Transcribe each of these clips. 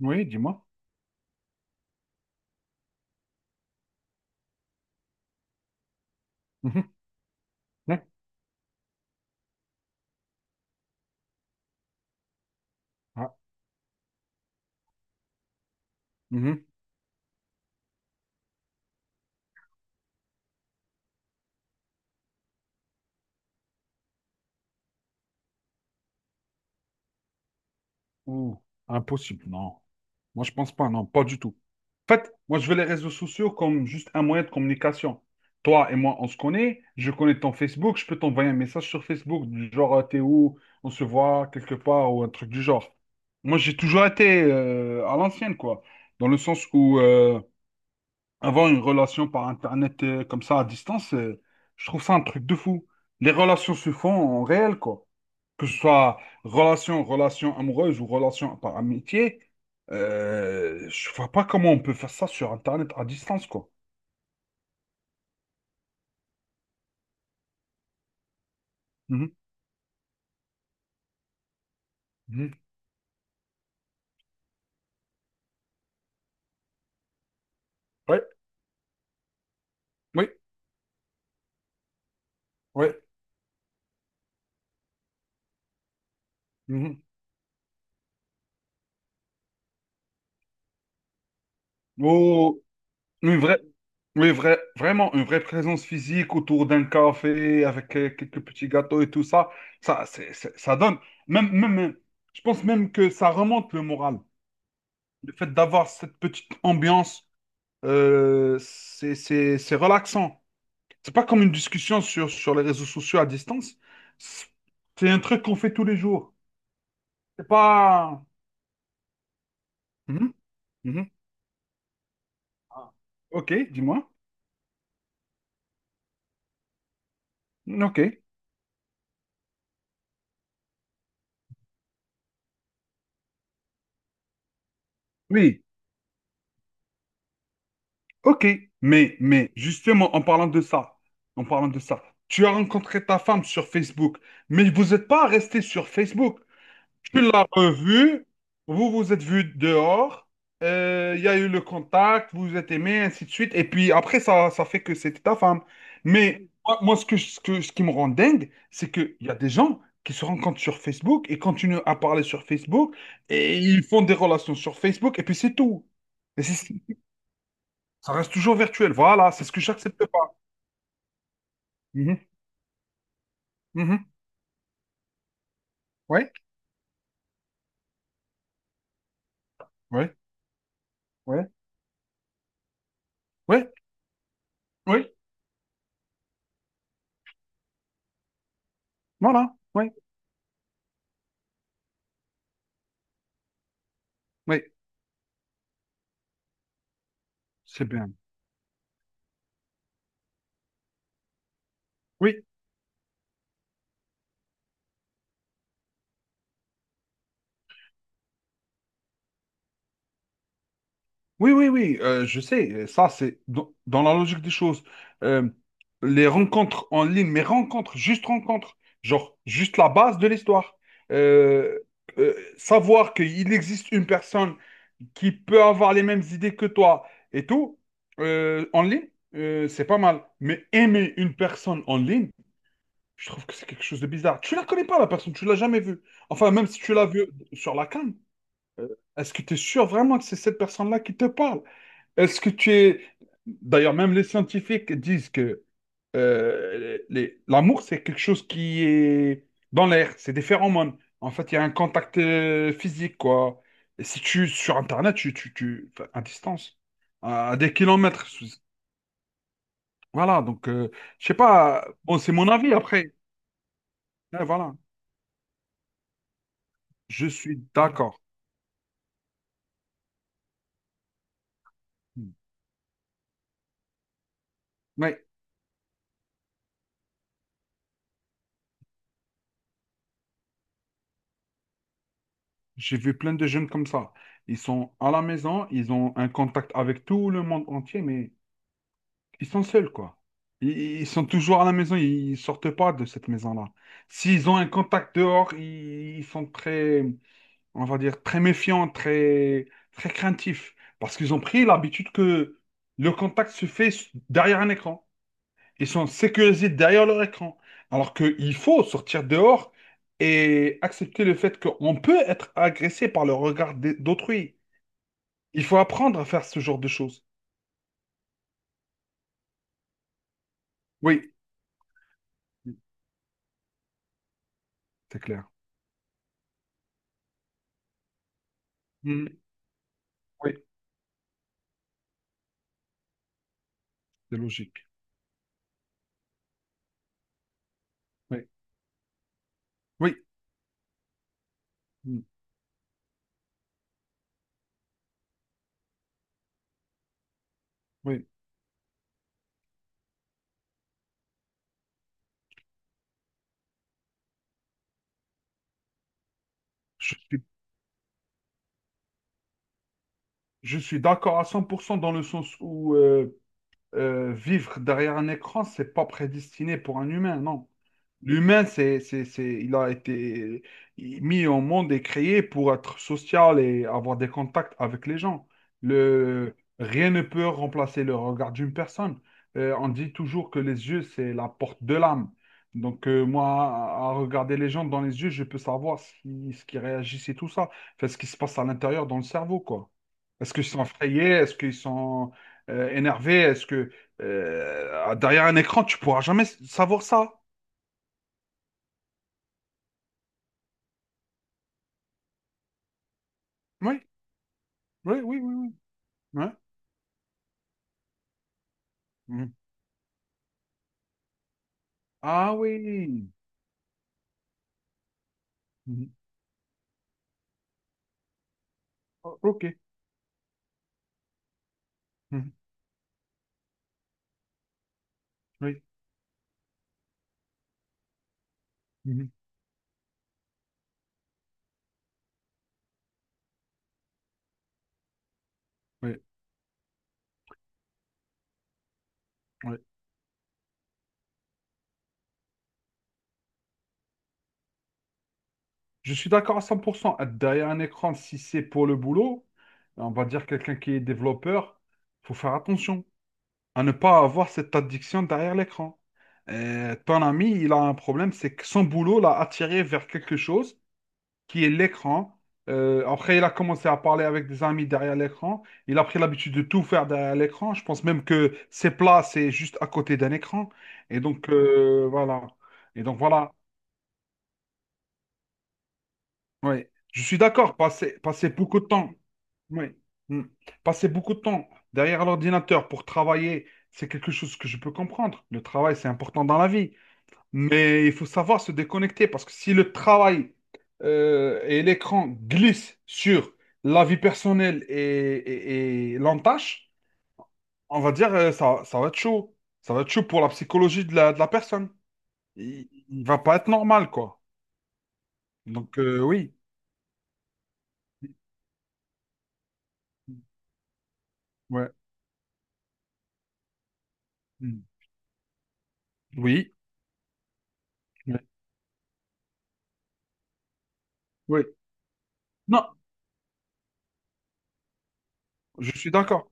Oui, dis-moi. Mhm. Ouais. Ah, mhm. Ouh, impossible, non. Moi, je pense pas, non, pas du tout. En fait, moi, je veux les réseaux sociaux comme juste un moyen de communication. Toi et moi, on se connaît, je connais ton Facebook, je peux t'envoyer un message sur Facebook, du genre, t'es où, on se voit quelque part, ou un truc du genre. Moi, j'ai toujours été à l'ancienne, quoi. Dans le sens où avoir une relation par Internet comme ça à distance, je trouve ça un truc de fou. Les relations se font en réel, quoi. Que ce soit relation amoureuse ou relation par amitié, je vois pas comment on peut faire ça sur Internet à distance, quoi. Mhm, mhm. Ouais, oui, oui. Mhm. Oh, une vraie, oui, vrai, vraiment une vraie présence physique autour d'un café avec quelques petits gâteaux et tout ça, ça donne. Même, même, je pense même que ça remonte le moral. Le fait d'avoir cette petite ambiance, c'est relaxant. C'est pas comme une discussion sur les réseaux sociaux à distance. C'est un truc qu'on fait tous les jours. C'est pas. Mhm, mhm. Ah. Ok, dis-moi. Ok. Oui. Ok. Mais justement, en parlant de ça, tu as rencontré ta femme sur Facebook, mais vous n'êtes pas resté sur Facebook. Tu l'as revu, vous vous êtes vu dehors, il y a eu le contact, vous vous êtes aimé, ainsi de suite. Et puis après, ça fait que c'était ta femme. Mais ce qui me rend dingue, c'est qu'il y a des gens qui se rencontrent sur Facebook et continuent à parler sur Facebook et ils font des relations sur Facebook et puis c'est tout. Et c'est- Ça reste toujours virtuel. Voilà, c'est ce que j'accepte pas. Mhm, mhm. Ouais, ouais, ouais, ouais, ouais. Voilà, ouais, ouais. C'est bien. Oui. Oui, oui, oui, je sais, ça c'est dans la logique des choses. Euh, les rencontres en ligne, mais rencontres, juste rencontres, genre juste la base de l'histoire. Euh, savoir qu'il existe une personne qui peut avoir les mêmes idées que toi et tout, en ligne, c'est pas mal. Mais aimer une personne en ligne, je trouve que c'est quelque chose de bizarre. Tu la connais pas, la personne, tu l'as jamais vue. Enfin, même si tu l'as vue sur la cam, euh, est-ce que tu es sûr vraiment que c'est cette personne-là qui te parle? Est-ce que tu es... D'ailleurs, même les scientifiques disent que l'amour, c'est quelque chose qui est dans l'air, c'est des phéromones. En fait, il y a un contact physique, quoi. Et si tu, sur Internet, enfin, à distance, à des kilomètres. Voilà, donc, je sais pas, bon, c'est mon avis après. Ouais, voilà, je suis d'accord. Oui, j'ai vu plein de jeunes comme ça. Ils sont à la maison, ils ont un contact avec tout le monde entier, mais ils sont seuls, quoi. Ils, ils sont toujours à la maison, ils sortent pas de cette maison-là. S'ils ont un contact dehors, ils sont très, on va dire, très méfiants, très, très craintifs. Parce qu'ils ont pris l'habitude que le contact se fait derrière un écran. Ils sont sécurisés derrière leur écran. Alors qu'il faut sortir dehors et accepter le fait qu'on peut être agressé par le regard d'autrui. Il faut apprendre à faire ce genre de choses. Oui, c'est clair. Mhm. Oui, c'est logique. Oui, oui, mm, oui. Je suis, je suis d'accord à 100% dans le sens où vivre derrière un écran, c'est pas prédestiné pour un humain, non. L'humain, il a été mis au monde et créé pour être social et avoir des contacts avec les gens. Rien ne peut remplacer le regard d'une personne. On dit toujours que les yeux, c'est la porte de l'âme. Donc, moi, à regarder les gens dans les yeux, je peux savoir si, ce qui réagissent et tout ça. Enfin, ce qui se passe à l'intérieur dans le cerveau, quoi. Est-ce qu'ils sont effrayés? Est-ce qu'ils sont énervé, est-ce que derrière un écran, tu pourras jamais savoir ça? Oui, oui, oui, oui, oui. Ouais. Mhm. Ah oui. Mhm. Ok. Mhm. Oui. Mhm. Oui. Oui. Je suis d'accord à 100%. Être derrière un écran, si c'est pour le boulot, on va dire quelqu'un qui est développeur, faut faire attention à ne pas avoir cette addiction derrière l'écran. Ton ami, il a un problème, c'est que son boulot l'a attiré vers quelque chose qui est l'écran. Après, il a commencé à parler avec des amis derrière l'écran. Il a pris l'habitude de tout faire derrière l'écran. Je pense même que ses plats, c'est juste à côté d'un écran. Et donc, voilà. Et donc, voilà. Ouais. Je suis d'accord. Passer beaucoup de temps. Oui. Mm. Passer beaucoup de temps derrière l'ordinateur pour travailler, c'est quelque chose que je peux comprendre. Le travail, c'est important dans la vie. Mais il faut savoir se déconnecter parce que si le travail et l'écran glissent sur la vie personnelle et l'entache, on va dire ça va être chaud. Ça va être chaud pour la psychologie de la personne. Il va pas être normal, quoi. Donc, oui. Ouais. Mm. Oui. Ouais. Oui. Non, je suis d'accord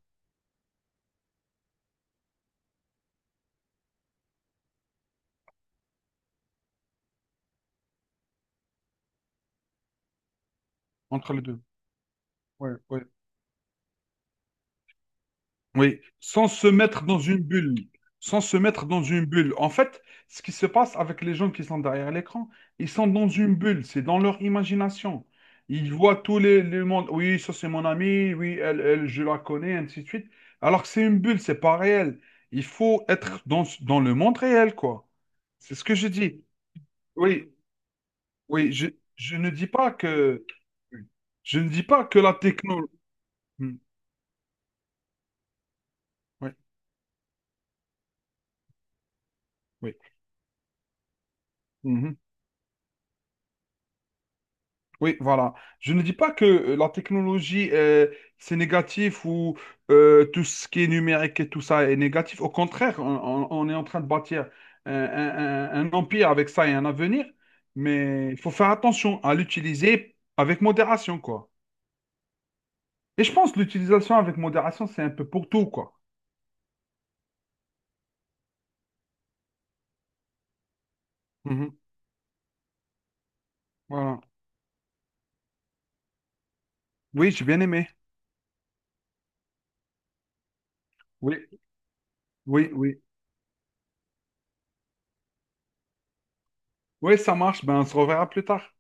entre les deux. Ouais, ouais. Oui, sans se mettre dans une bulle, sans se mettre dans une bulle. En fait, ce qui se passe avec les gens qui sont derrière l'écran, ils sont dans une bulle, c'est dans leur imagination. Ils voient tous les mondes, oui, ça c'est mon ami, oui, elle, elle, je la connais, ainsi de suite. Alors que c'est une bulle, c'est pas réel. Il faut être dans, le monde réel, quoi. C'est ce que je dis. Oui, oui, je ne dis pas que, je ne dis pas que la technologie. Oui, oui. Mhm. Oui, voilà. Je ne dis pas que la technologie, c'est négatif ou tout ce qui est numérique et tout ça est négatif. Au contraire, on est en train de bâtir un empire avec ça et un avenir. Mais il faut faire attention à l'utiliser avec modération, quoi. Et je pense que l'utilisation avec modération, c'est un peu pour tout, quoi. Mhm. Voilà. Oui, j'ai bien aimé. Oui, oui, oui. Oui, ça marche. Ben, on se reverra plus tard.